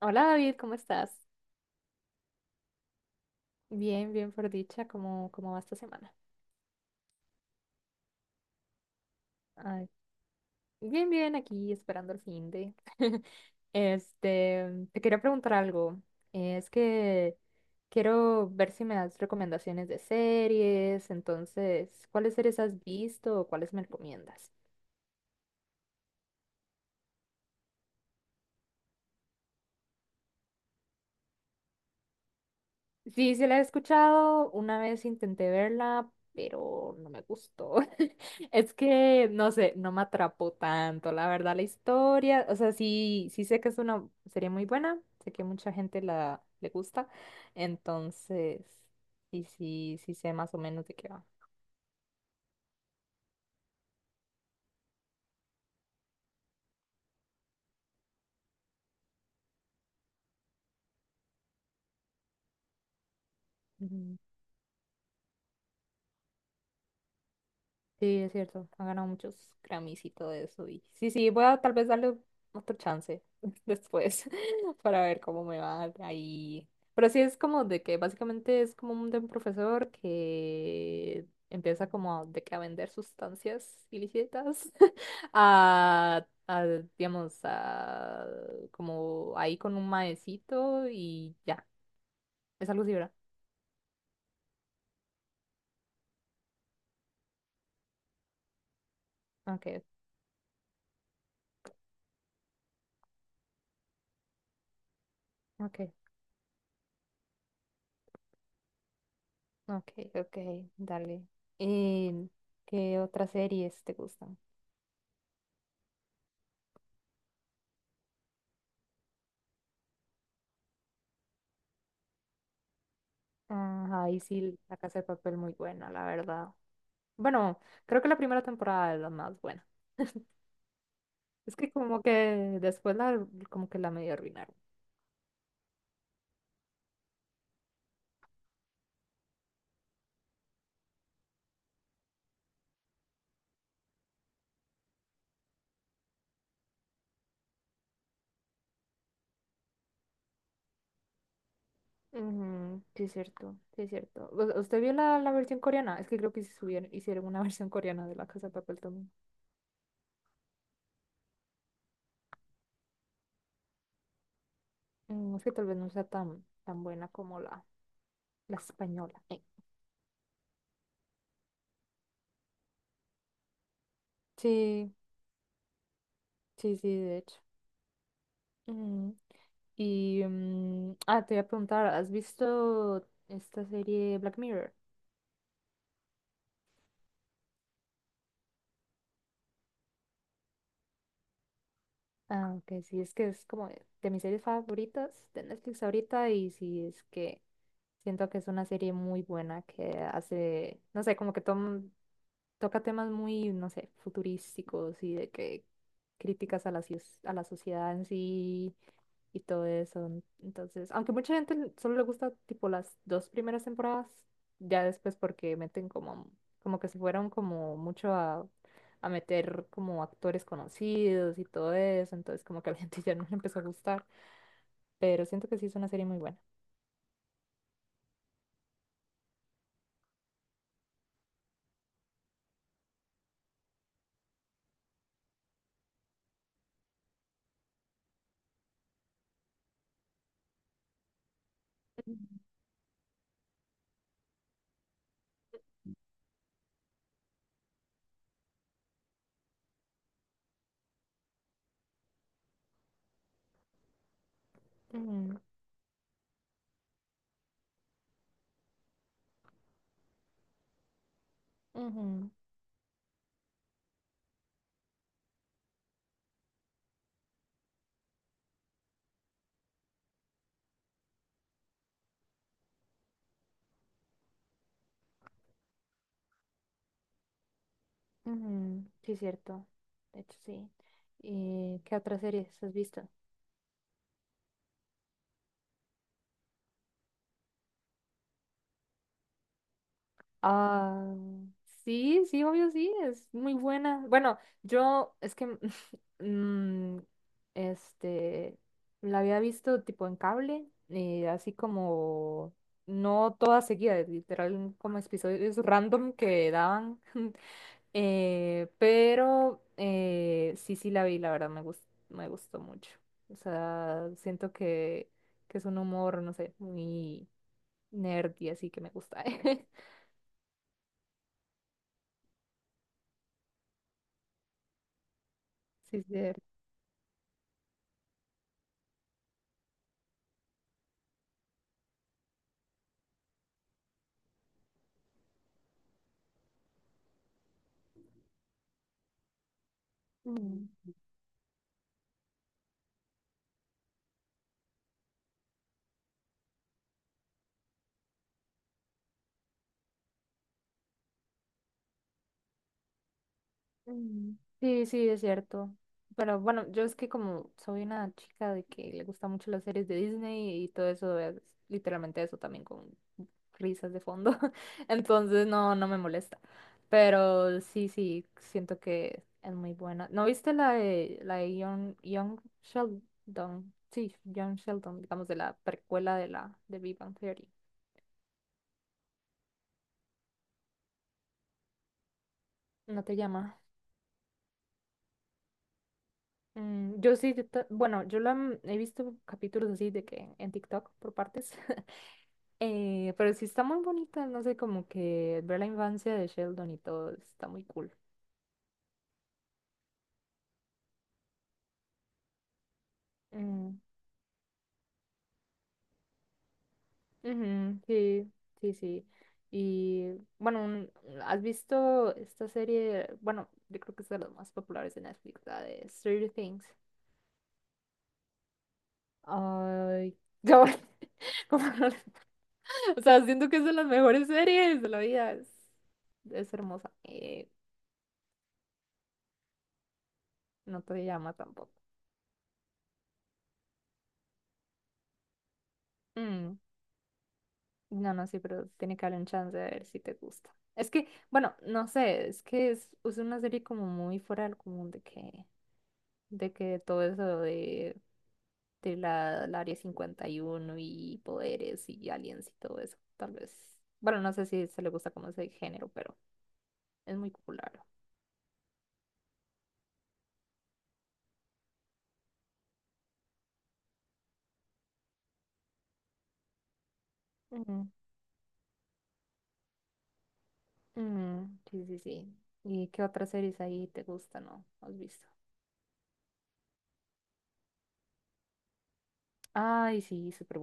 Hola David, ¿cómo estás? Bien, bien por dicha, ¿cómo va esta semana? Ay, bien, bien, aquí esperando el fin de. Este, te quería preguntar algo. Es que quiero ver si me das recomendaciones de series, entonces, ¿cuáles series has visto o cuáles me recomiendas? Sí, sí la he escuchado, una vez intenté verla, pero no me gustó. Es que, no sé, no me atrapó tanto, la verdad, la historia, o sea, sí, sí sé que es una serie muy buena, sé que mucha gente la le gusta, entonces, sí, sí, sí sé más o menos de qué va. Sí, es cierto. Ha ganado muchos Grammys y todo eso. Y sí, sí, voy a tal vez darle otro chance después para ver cómo me va ahí. Pero sí es como de que básicamente es como un, de un profesor que empieza como de que a vender sustancias ilícitas a, a, digamos, a, como ahí con un maecito y ya. Es algo así, ¿verdad? Ok, ok. Ok, ok, dale. ¿Y qué otras series te gustan? Ah, ahí sí, La Casa de Papel muy buena, la verdad. Bueno, creo que la primera temporada es la más buena. Es que como que después la, como que la medio arruinaron. Ujú, sí, es cierto, sí, es cierto. ¿U- ¿Usted vio la, la versión coreana? Es que creo que sí subieron, hicieron una versión coreana de La Casa de Papel también. Mm, es que tal vez no sea tan, tan buena como la española. Eh. Sí, sí, sí, de hecho. Mm. Y ah, te voy a preguntar, ¿has visto esta serie Black Mirror? Ah, ok, sí, es que es como de mis series favoritas de Netflix ahorita y sí, es que siento que es una serie muy buena que hace, no sé, como que toca temas muy, no sé, futurísticos y de que críticas a la, a la sociedad en sí y todo eso. Entonces, aunque mucha gente solo le gusta tipo las dos primeras temporadas, ya después porque meten como, como que se fueron como mucho a meter como actores conocidos y todo eso, entonces como que a la gente ya no le empezó a gustar, pero siento que sí es una serie muy buena. Ujú, ujú, ujú, sí, es cierto. De hecho, sí. ¿Y qué otras series has visto? Ah, sí, sí, obvio, sí, es muy buena. Bueno, yo es que mm, este la había visto tipo en cable, así como no toda seguida, literal como episodios random que daban. Pero sí, sí la vi, la verdad me gustó mucho. O sea, siento que es un humor, no sé, muy nerdy, así que me gusta. Sí, sí. Mm, mm. Sí, sí, es cierto. Pero bueno, yo es que como soy una chica de que le gusta mucho las series de Disney y todo eso, es literalmente eso también con risas de fondo. Entonces no, no me molesta. Pero sí, sí, siento que es muy buena. ¿No viste la de Young Sheldon? Sí, Young Sheldon, digamos de la precuela de la de Big Bang Theory. ¿No te llama? Mm, yo sí, bueno, yo la he visto capítulos así de que en TikTok por partes, pero sí está muy bonita, no sé, como que ver la infancia de Sheldon y todo, está muy cool. Mm, ujú, sí, sí, sí. Y bueno, ¿has visto esta serie? Bueno, yo creo que es de las más populares de Netflix, la de Stranger Things. Ay, yo, como no- o sea, siento que es de las mejores series de la vida, es hermosa. Eh. No te llama tampoco. Mm. No, no, sí, pero tiene que haber un chance de ver si te gusta. Es que, bueno, no sé, es que es una serie como muy fuera del común de que todo eso de la, la Área 51 y uno y poderes y aliens y todo eso, tal vez. Bueno, no sé si se le gusta como ese género, pero es muy popular. Ujú. Mm, sí, sí, sí. ¿Y qué otras series ahí te gustan, no? ¿Has visto? Ay, sí, súper.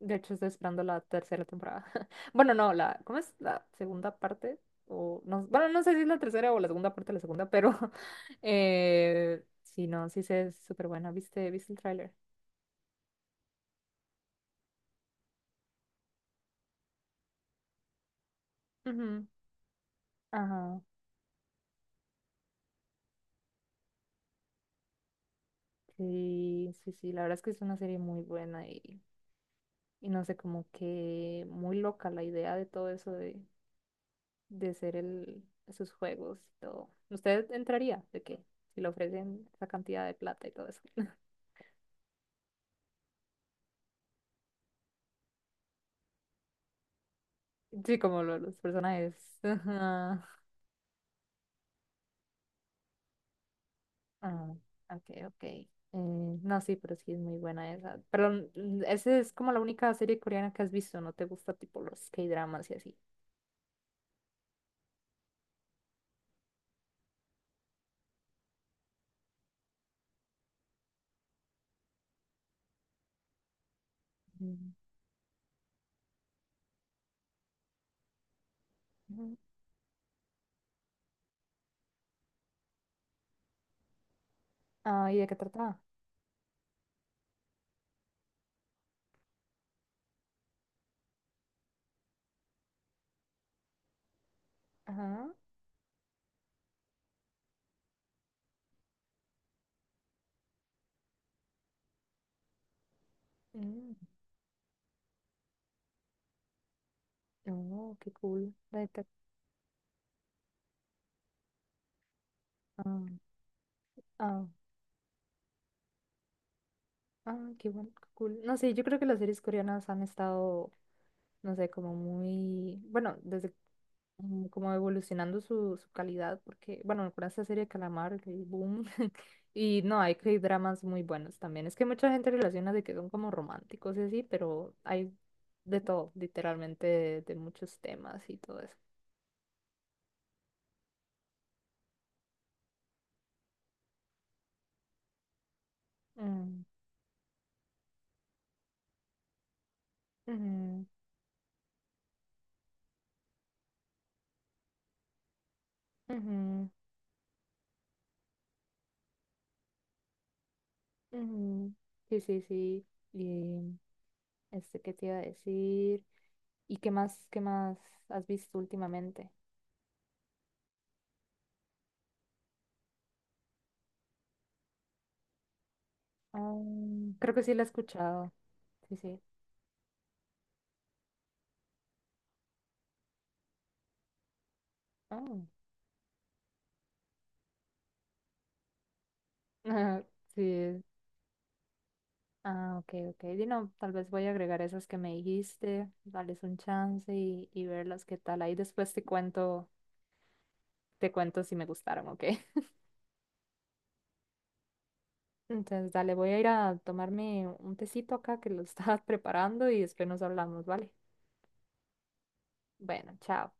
De hecho, estoy esperando la tercera temporada. Bueno, no, la, ¿cómo es la segunda parte? O no, bueno, no sé si es la tercera o la segunda parte de la segunda, pero sí, no, sí sé, es súper buena. ¿Viste el tráiler? Ujú. Ajá. Sí, sí, sí, la verdad es que es una serie muy buena y no sé, como que muy loca la idea de todo eso de ser el, esos juegos y todo. ¿Usted entraría? ¿De qué? Si le ofrecen esa cantidad de plata y todo eso. Sí, como los personajes. Ajá. Ah, ok, ok. No, sí, pero sí es muy buena esa. Pero esa es como la única serie coreana que has visto, ¿no te gusta tipo los K-dramas y así? Mm. Ujú. Ah, ¿y de qué trataba? Ajá. Mm. Oh, qué cool. La Ah, ah, ah, qué bueno, qué cool. No sé, yo creo que las series coreanas han estado no sé, como muy, bueno, desde como evolucionando su, su calidad, porque, bueno, con esta serie de Calamar, que boom, y no, hay dramas muy buenos también. Es que mucha gente relaciona de que son como románticos y así, pero hay de todo, literalmente, de muchos temas y todo eso. Mm, ujú, ujú, ujú. Sí, sí, sí. Y este, ¿qué te iba a decir? ¿Y qué más has visto últimamente? Ah, creo que sí la he escuchado. Sí, sí. Ah, sí. Ah, ok, ok. Y no, tal vez voy a agregar esas que me dijiste, darles un chance y verlas qué tal. Ahí después te cuento si me gustaron, ok. Entonces, dale, voy a ir a tomarme un tecito acá que lo estaba preparando y después nos hablamos, ¿vale? Bueno, chao.